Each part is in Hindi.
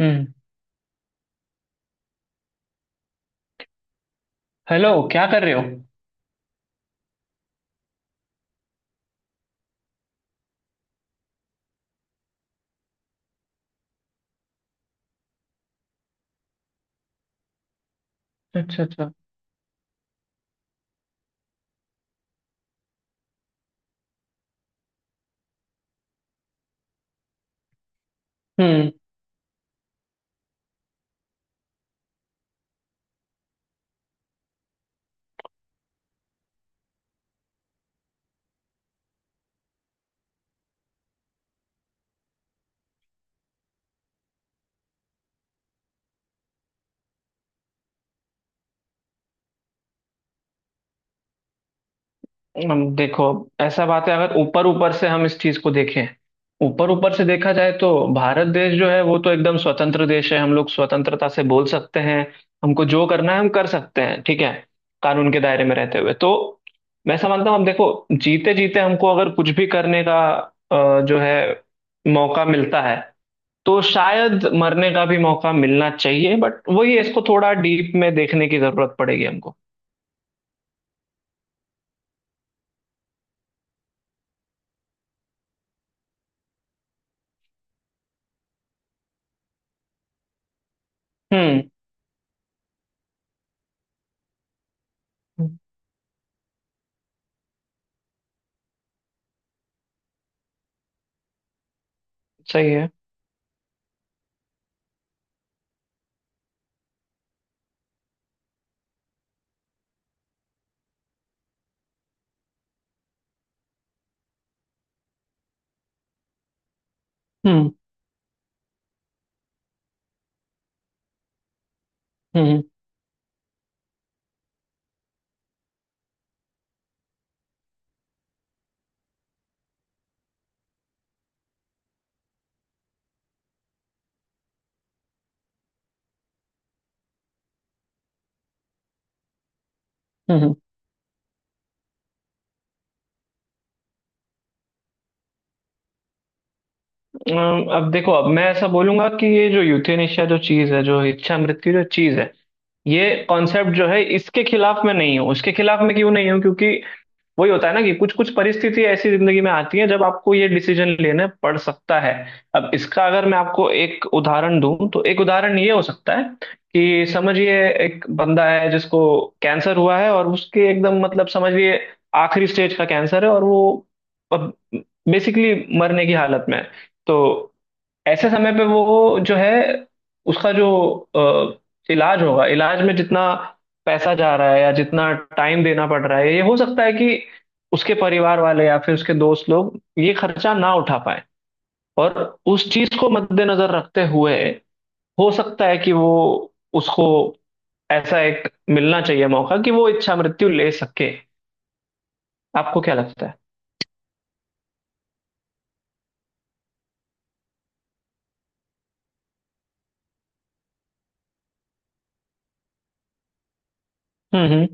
हम्म। हेलो, क्या कर रहे हो? अच्छा अच्छा। हम्म। हम देखो, ऐसा बात है। अगर ऊपर ऊपर से हम इस चीज को देखें, ऊपर ऊपर से देखा जाए तो भारत देश जो है वो तो एकदम स्वतंत्र देश है। हम लोग स्वतंत्रता से बोल सकते हैं, हमको जो करना है हम कर सकते हैं, ठीक है, कानून के दायरे में रहते हुए। तो मैं समझता हूँ, हम देखो, जीते जीते हमको अगर कुछ भी करने का जो है मौका मिलता है तो शायद मरने का भी मौका मिलना चाहिए। बट वही है, इसको थोड़ा डीप में देखने की जरूरत पड़ेगी हमको। हम्म। सही है। हम्म। हम्म। हम्म। अब देखो, अब मैं ऐसा बोलूंगा कि ये जो यूथेनेशिया जो चीज है, जो इच्छा मृत्यु जो चीज है, ये कॉन्सेप्ट जो है, इसके खिलाफ मैं नहीं हूँ। उसके खिलाफ मैं क्यों नहीं हूँ, क्योंकि वही होता है ना कि कुछ कुछ परिस्थिति ऐसी जिंदगी में आती है जब आपको ये डिसीजन लेने पड़ सकता है। अब इसका अगर मैं आपको एक उदाहरण दूं तो एक उदाहरण ये हो सकता है कि, समझिए, एक बंदा है जिसको कैंसर हुआ है, और उसके एकदम मतलब, समझिए, आखिरी स्टेज का कैंसर है और वो बेसिकली मरने की हालत में है। तो ऐसे समय पे वो जो है, उसका जो इलाज होगा, इलाज में जितना पैसा जा रहा है या जितना टाइम देना पड़ रहा है, ये हो सकता है कि उसके परिवार वाले या फिर उसके दोस्त लोग ये खर्चा ना उठा पाए। और उस चीज को मद्देनजर रखते हुए हो सकता है कि वो, उसको ऐसा एक मिलना चाहिए मौका कि वो इच्छा मृत्यु ले सके। आपको क्या लगता है? हम्म।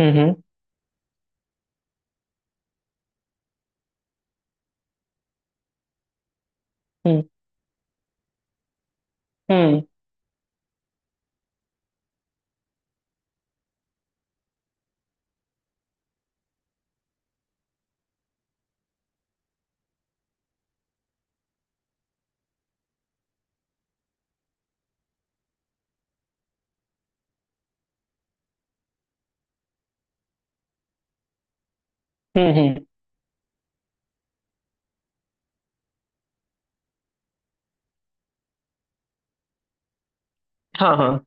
हम्म। हम्म। हम्म। हम्म। हम्म। हाँ हाँ,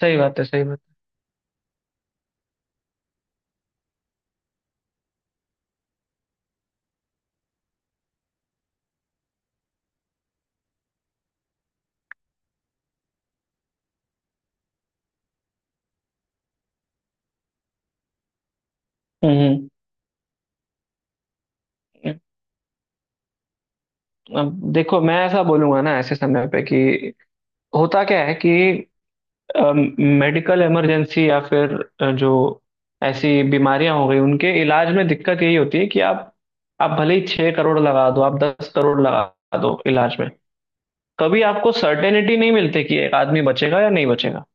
सही बात है, सही बात है। हम्म। हम्म। अब देखो, मैं ऐसा बोलूंगा ना, ऐसे समय पे कि होता क्या है कि मेडिकल इमरजेंसी या फिर जो ऐसी बीमारियां हो गई, उनके इलाज में दिक्कत यही होती है कि आप भले ही 6 करोड़ लगा दो, आप 10 करोड़ लगा दो इलाज में, कभी आपको सर्टेनिटी नहीं मिलती कि एक आदमी बचेगा या नहीं बचेगा।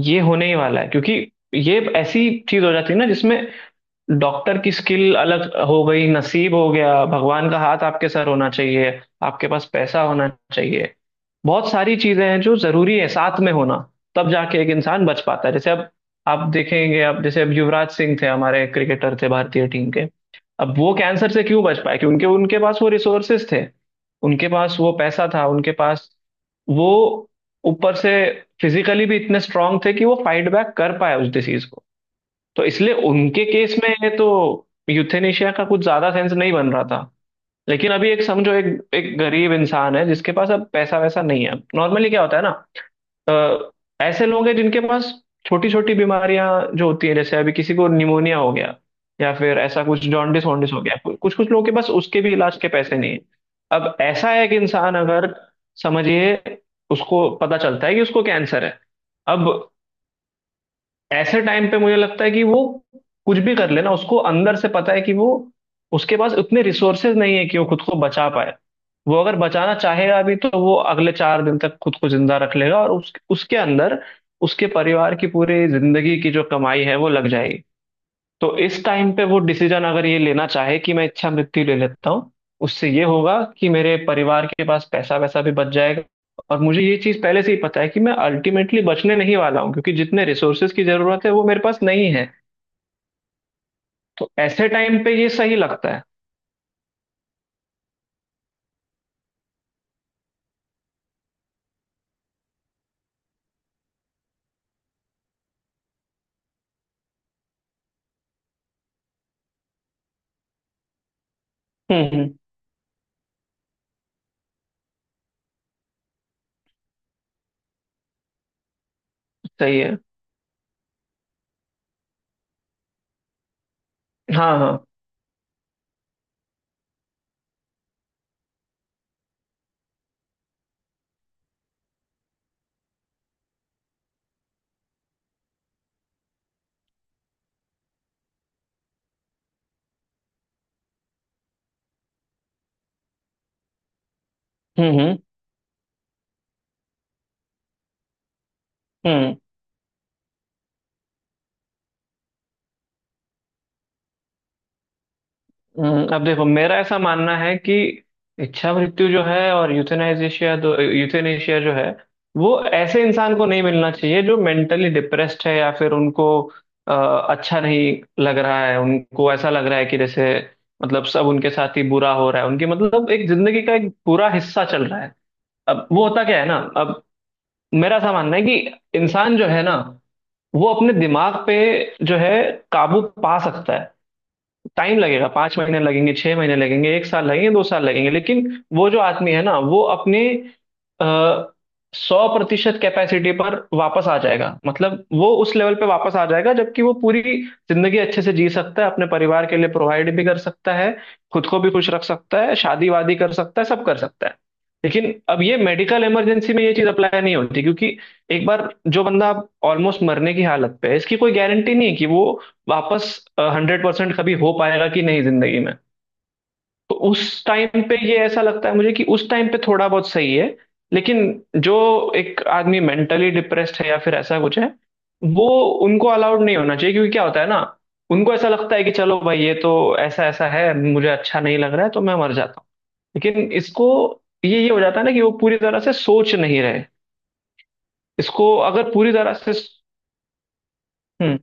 ये होने ही वाला है, क्योंकि ये ऐसी चीज हो जाती है ना, जिसमें डॉक्टर की स्किल अलग हो गई, नसीब हो गया, भगवान का हाथ आपके सर होना चाहिए, आपके पास पैसा होना चाहिए, बहुत सारी चीजें हैं जो जरूरी है साथ में होना, तब जाके एक इंसान बच पाता है। जैसे अब आप देखेंगे, अब जैसे, अब युवराज सिंह थे, हमारे क्रिकेटर थे भारतीय टीम के, अब वो कैंसर से क्यों बच पाए, क्योंकि उनके पास वो रिसोर्सेस थे, उनके पास वो पैसा था, उनके पास वो ऊपर से फिजिकली भी इतने स्ट्रांग थे कि वो फाइट बैक कर पाए उस डिसीज को। तो इसलिए उनके केस में तो यूथेनेशिया का कुछ ज्यादा सेंस नहीं बन रहा था। लेकिन अभी एक समझो, एक एक गरीब इंसान है जिसके पास अब पैसा वैसा नहीं है, नॉर्मली क्या होता है ना, अ, ऐसे लोग हैं जिनके पास छोटी छोटी बीमारियां जो होती हैं, जैसे अभी किसी को निमोनिया हो गया, या फिर ऐसा कुछ जॉन्डिस वॉन्डिस हो गया, कुछ कुछ लोगों के पास उसके भी इलाज के पैसे नहीं है। अब ऐसा है कि इंसान अगर, समझिए, उसको पता चलता है कि उसको कैंसर है। अब ऐसे टाइम पे मुझे लगता है कि वो कुछ भी कर लेना, उसको अंदर से पता है कि वो, उसके पास उतने रिसोर्सेज नहीं है कि वो खुद को बचा पाए। वो अगर बचाना चाहेगा भी तो वो अगले 4 दिन तक खुद को जिंदा रख लेगा और उसके अंदर उसके परिवार की पूरी जिंदगी की जो कमाई है वो लग जाएगी। तो इस टाइम पे वो डिसीजन अगर ये लेना चाहे कि मैं इच्छा मृत्यु ले लेता हूँ, उससे ये होगा कि मेरे परिवार के पास पैसा वैसा भी बच जाएगा, और मुझे ये चीज पहले से ही पता है कि मैं अल्टीमेटली बचने नहीं वाला हूँ, क्योंकि जितने रिसोर्सेज की जरूरत है वो मेरे पास नहीं है। तो ऐसे टाइम पे ये सही लगता है। हम्म। हम्म। सही है। हाँ हाँ। हम्म। हम्म। हम्म। अब देखो, मेरा ऐसा मानना है कि इच्छा मृत्यु जो है, और यूथेनाइजेशिया दो यूथेनेशिया जो है, वो ऐसे इंसान को नहीं मिलना चाहिए जो मेंटली डिप्रेस्ड है, या फिर उनको अ, अच्छा नहीं लग रहा है, उनको ऐसा लग रहा है कि जैसे मतलब सब उनके साथ ही बुरा हो रहा है, उनकी मतलब एक जिंदगी का एक पूरा हिस्सा चल रहा है। अब वो होता क्या है ना, अब मेरा ऐसा मानना है कि इंसान जो है ना, वो अपने दिमाग पे जो है काबू पा सकता है। टाइम लगेगा, 5 महीने लगेंगे, 6 महीने लगेंगे, एक साल लगेंगे, 2 साल लगेंगे, लेकिन वो जो आदमी है ना, वो अपने 100% कैपेसिटी पर वापस आ जाएगा। मतलब वो उस लेवल पे वापस आ जाएगा जबकि वो पूरी जिंदगी अच्छे से जी सकता है, अपने परिवार के लिए प्रोवाइड भी कर सकता है, खुद को भी खुश रख सकता है, शादी वादी कर सकता है, सब कर सकता है। लेकिन अब ये मेडिकल इमरजेंसी में ये चीज अप्लाई नहीं होती, क्योंकि एक बार जो बंदा ऑलमोस्ट मरने की हालत पे है, इसकी कोई गारंटी नहीं है कि वो वापस 100% कभी हो पाएगा कि नहीं जिंदगी में। तो उस टाइम पे ये ऐसा लगता है मुझे कि उस टाइम पे थोड़ा बहुत सही है। लेकिन जो एक आदमी मेंटली डिप्रेस्ड है, या फिर ऐसा कुछ है, वो, उनको अलाउड नहीं होना चाहिए, क्योंकि क्या होता है ना, उनको ऐसा लगता है कि चलो भाई, ये तो ऐसा ऐसा है, मुझे अच्छा नहीं लग रहा है, तो मैं मर जाता हूँ। लेकिन इसको ये हो जाता है ना कि वो पूरी तरह से सोच नहीं रहे। इसको अगर पूरी तरह से… हम्म।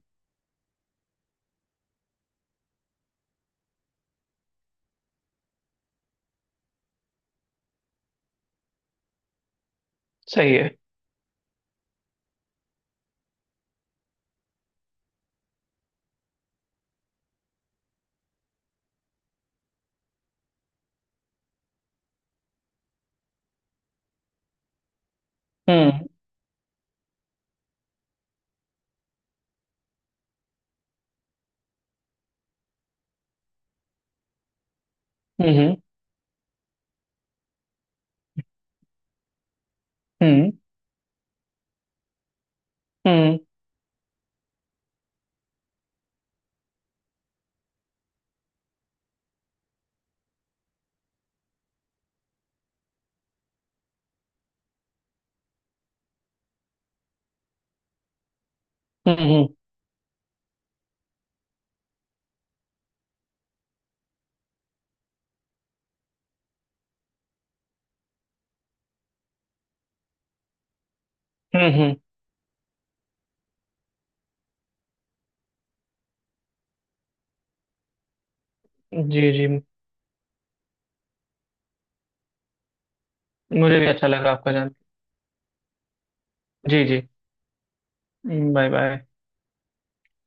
सही है। हम्म। हम्म। हम्म। हम्म। हम्म। हम्म। हम्म। हम्म। जी जी। मुझे भी अच्छा लगा आपका जान। जी जी। Bye bye.